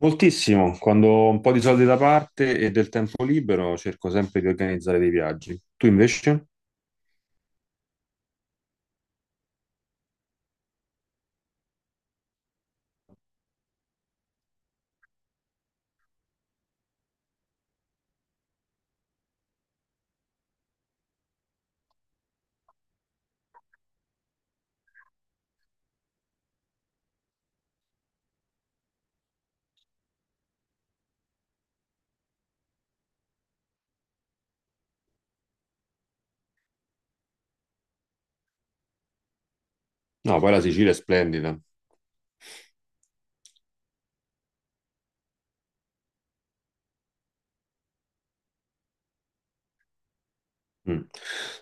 Moltissimo, quando ho un po' di soldi da parte e del tempo libero cerco sempre di organizzare dei viaggi. Tu invece? No, poi la Sicilia è splendida. Mm.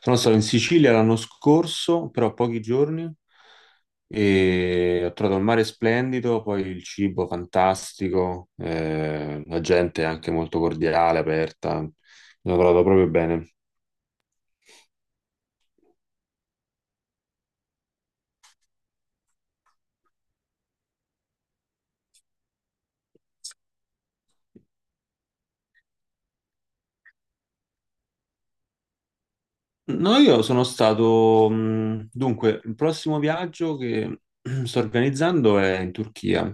Sono stato in Sicilia l'anno scorso, però pochi giorni, e ho trovato il mare splendido, poi il cibo fantastico, la gente è anche molto cordiale, aperta. Mi sono trovato proprio bene. No, io sono stato, dunque, il prossimo viaggio che sto organizzando è in Turchia,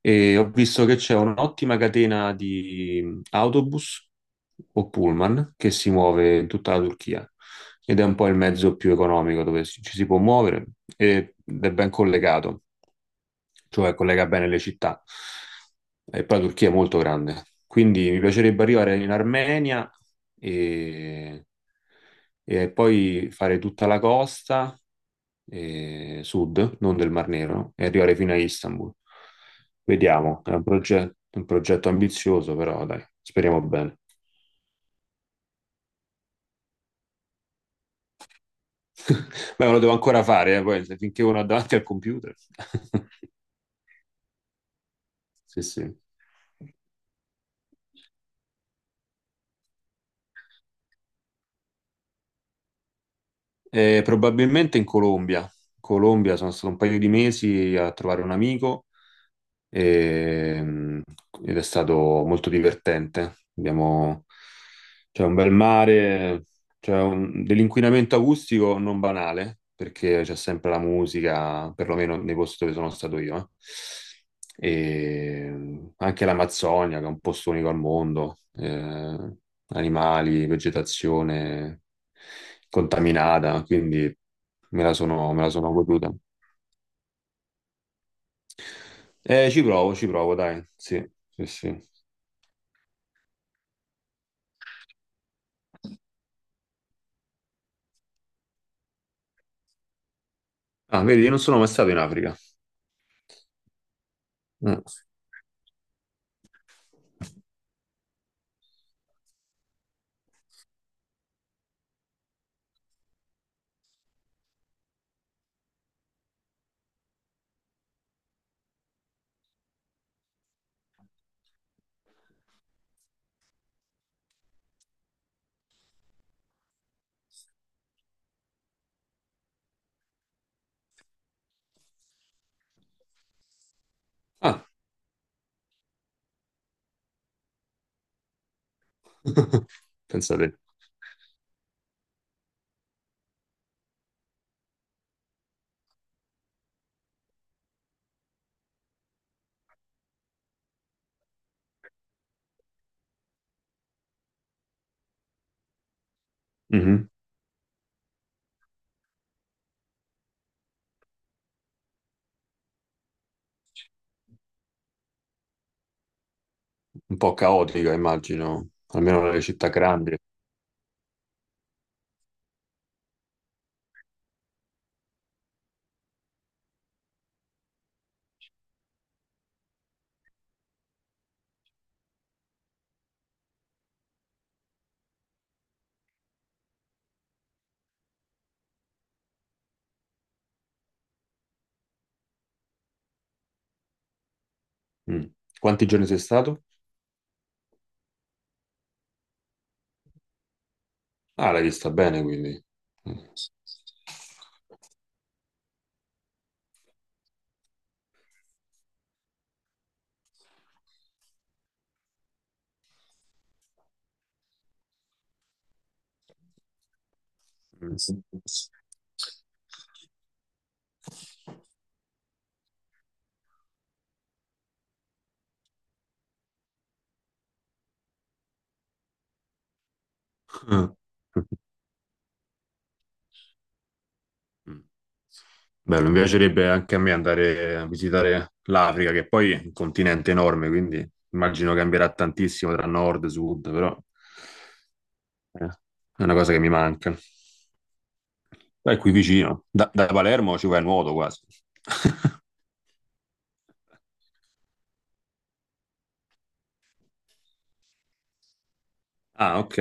e ho visto che c'è un'ottima catena di autobus o pullman che si muove in tutta la Turchia ed è un po' il mezzo più economico dove ci si può muovere ed è ben collegato, cioè collega bene le città. E poi la Turchia è molto grande, quindi mi piacerebbe arrivare in Armenia e, e poi fare tutta la costa sud, non del Mar Nero, e arrivare fino a Istanbul. Vediamo, è un progetto, ambizioso, però dai, speriamo bene. Beh, me lo devo ancora fare, poi, finché uno ha davanti al computer. Sì, sì. Probabilmente in Colombia. In Colombia sono stato un paio di mesi a trovare un amico e, mh, ed è stato molto divertente. C'è un bel mare, dell'inquinamento acustico non banale, perché c'è sempre la musica, perlomeno nei posti dove sono stato io. E anche l'Amazzonia, che è un posto unico al mondo, animali, vegetazione contaminata, quindi me la sono goduta. Ci provo, ci provo, dai, sì, sì, sì. Ah, vedi, io non sono mai stato in Africa. Mm. Ah, pensate. Mhm. Un po' caotica, immagino, almeno nelle città grandi. Mm. Quanti giorni sei stato? Ah, l'hai vista bene, quindi. Mm. Mm. Mm. Bello, mi piacerebbe anche a me andare a visitare l'Africa, che poi è un continente enorme, quindi immagino cambierà tantissimo tra nord e sud, però. Eh, È una cosa che mi manca. Dai, qui vicino. Da Palermo ci vai a nuoto quasi. Ah, ok.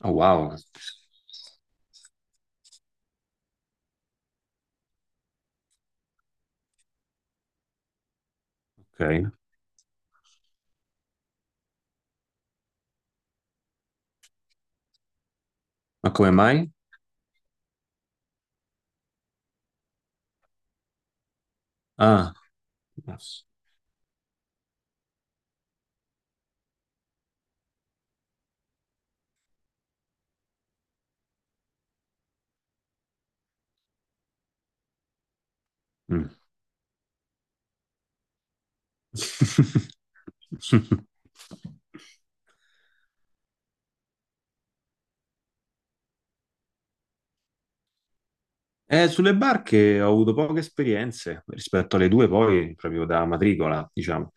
Oh, wow. Ok. Ma come mai? Ah. Yes. Mm. Sulle barche ho avuto poche esperienze rispetto alle due, poi proprio da matricola, diciamo.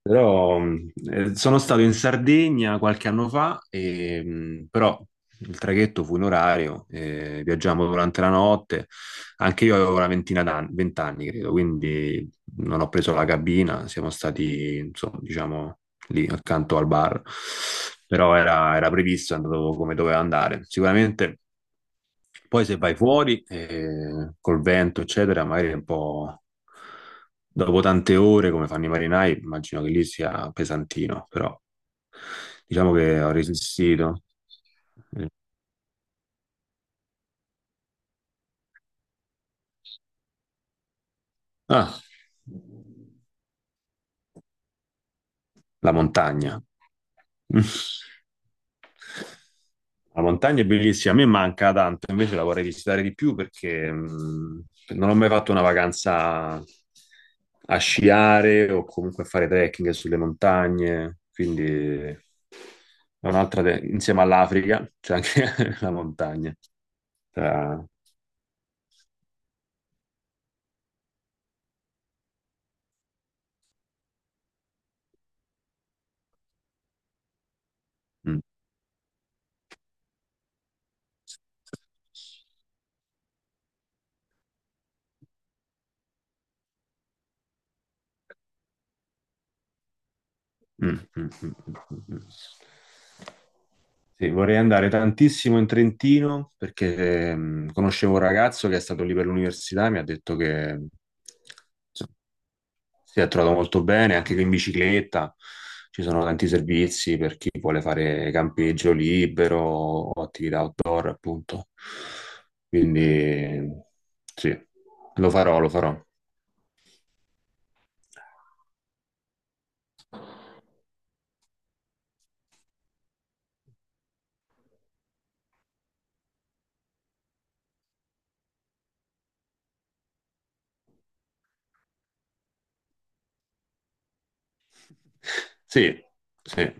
Però sono stato in Sardegna qualche anno fa, e, però il traghetto fu in orario, viaggiamo durante la notte. Anche io avevo una ventina d'anni, vent'anni credo, quindi non ho preso la cabina, siamo stati, insomma, diciamo, lì accanto al bar. Però era previsto, è andato come doveva andare. Sicuramente. Poi se vai fuori, col vento, eccetera, magari è un po' dopo tante ore, come fanno i marinai, immagino che lì sia pesantino, però diciamo che ho resistito. Eh, Ah, la montagna. La montagna è bellissima, a me manca tanto, invece la vorrei visitare di più perché non ho mai fatto una vacanza a sciare o comunque a fare trekking sulle montagne, quindi è un'altra, insieme all'Africa, c'è anche la montagna. Tra- mm, mm, mm, mm, mm, mm. Sì, vorrei andare tantissimo in Trentino perché conoscevo un ragazzo che è stato lì per l'università e mi ha detto che si è trovato molto bene anche in bicicletta. Ci sono tanti servizi per chi vuole fare campeggio libero o attività outdoor, appunto. Quindi sì, lo farò, lo farò. Sì, sì.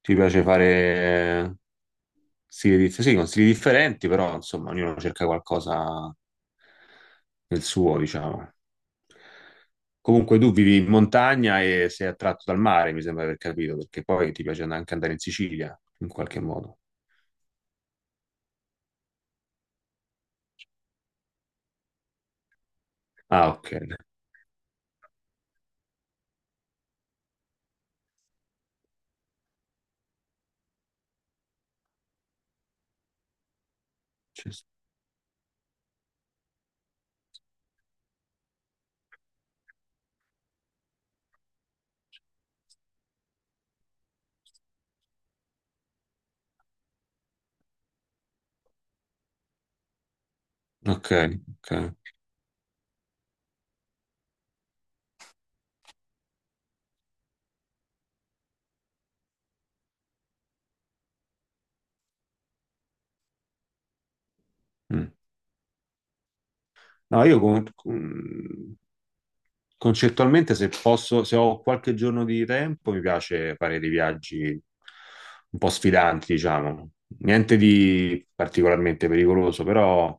Ci piace fare stili, sì, con stili differenti, però insomma, ognuno cerca qualcosa del suo, diciamo. Comunque tu vivi in montagna e sei attratto dal mare, mi sembra di aver capito, perché poi ti piace anche andare in Sicilia, in qualche modo. Ah, ok. Ci sta. Ok, ok. Mm. No, io concettualmente se posso, se ho qualche giorno di tempo, mi piace fare dei viaggi un po' sfidanti, diciamo. Niente di particolarmente pericoloso, però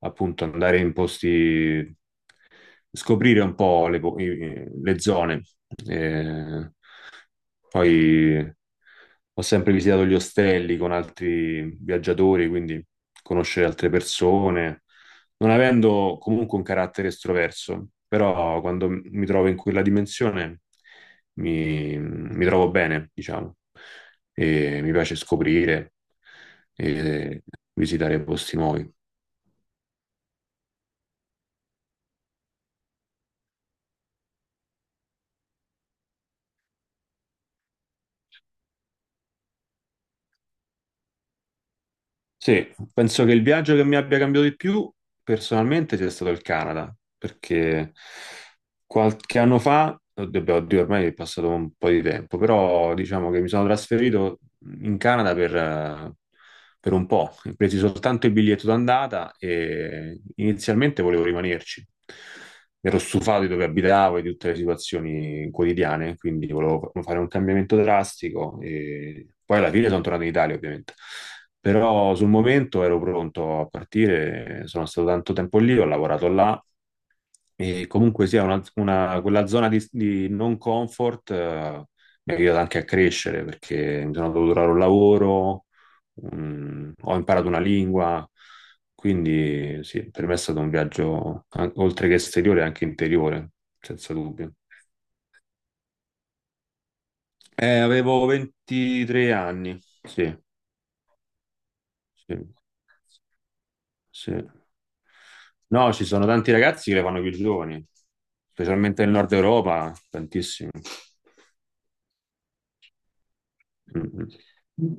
appunto andare in posti, scoprire un po' le zone. Eh, Poi ho sempre visitato gli ostelli con altri viaggiatori, quindi conoscere altre persone, non avendo comunque un carattere estroverso, però quando mi trovo in quella dimensione mi trovo bene, diciamo, e mi piace scoprire e visitare posti nuovi. Sì, penso che il viaggio che mi abbia cambiato di più personalmente sia stato il Canada, perché qualche anno fa, oddio, beh, oddio, ormai è passato un po' di tempo, però diciamo che mi sono trasferito in Canada per un po'. Ho preso soltanto il biglietto d'andata e inizialmente volevo rimanerci. Ero stufato di dove abitavo e di tutte le situazioni quotidiane, quindi volevo fare un cambiamento drastico e poi alla fine sono tornato in Italia, ovviamente. Però sul momento ero pronto a partire, sono stato tanto tempo lì, ho lavorato là e comunque sia una, quella zona di, non comfort mi ha aiutato anche a crescere perché mi sono dovuto trovare un lavoro, ho imparato una lingua, quindi sì, per me è stato un viaggio oltre che esteriore anche interiore, senza dubbio. Avevo 23 anni, sì, sì, sì. No, ci sono tanti ragazzi che le fanno più giovani, specialmente nel nord Europa, tantissimi. Mm, mm.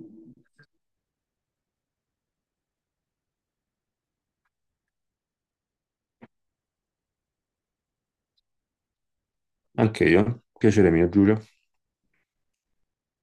Anche io. Piacere mio, Giulio.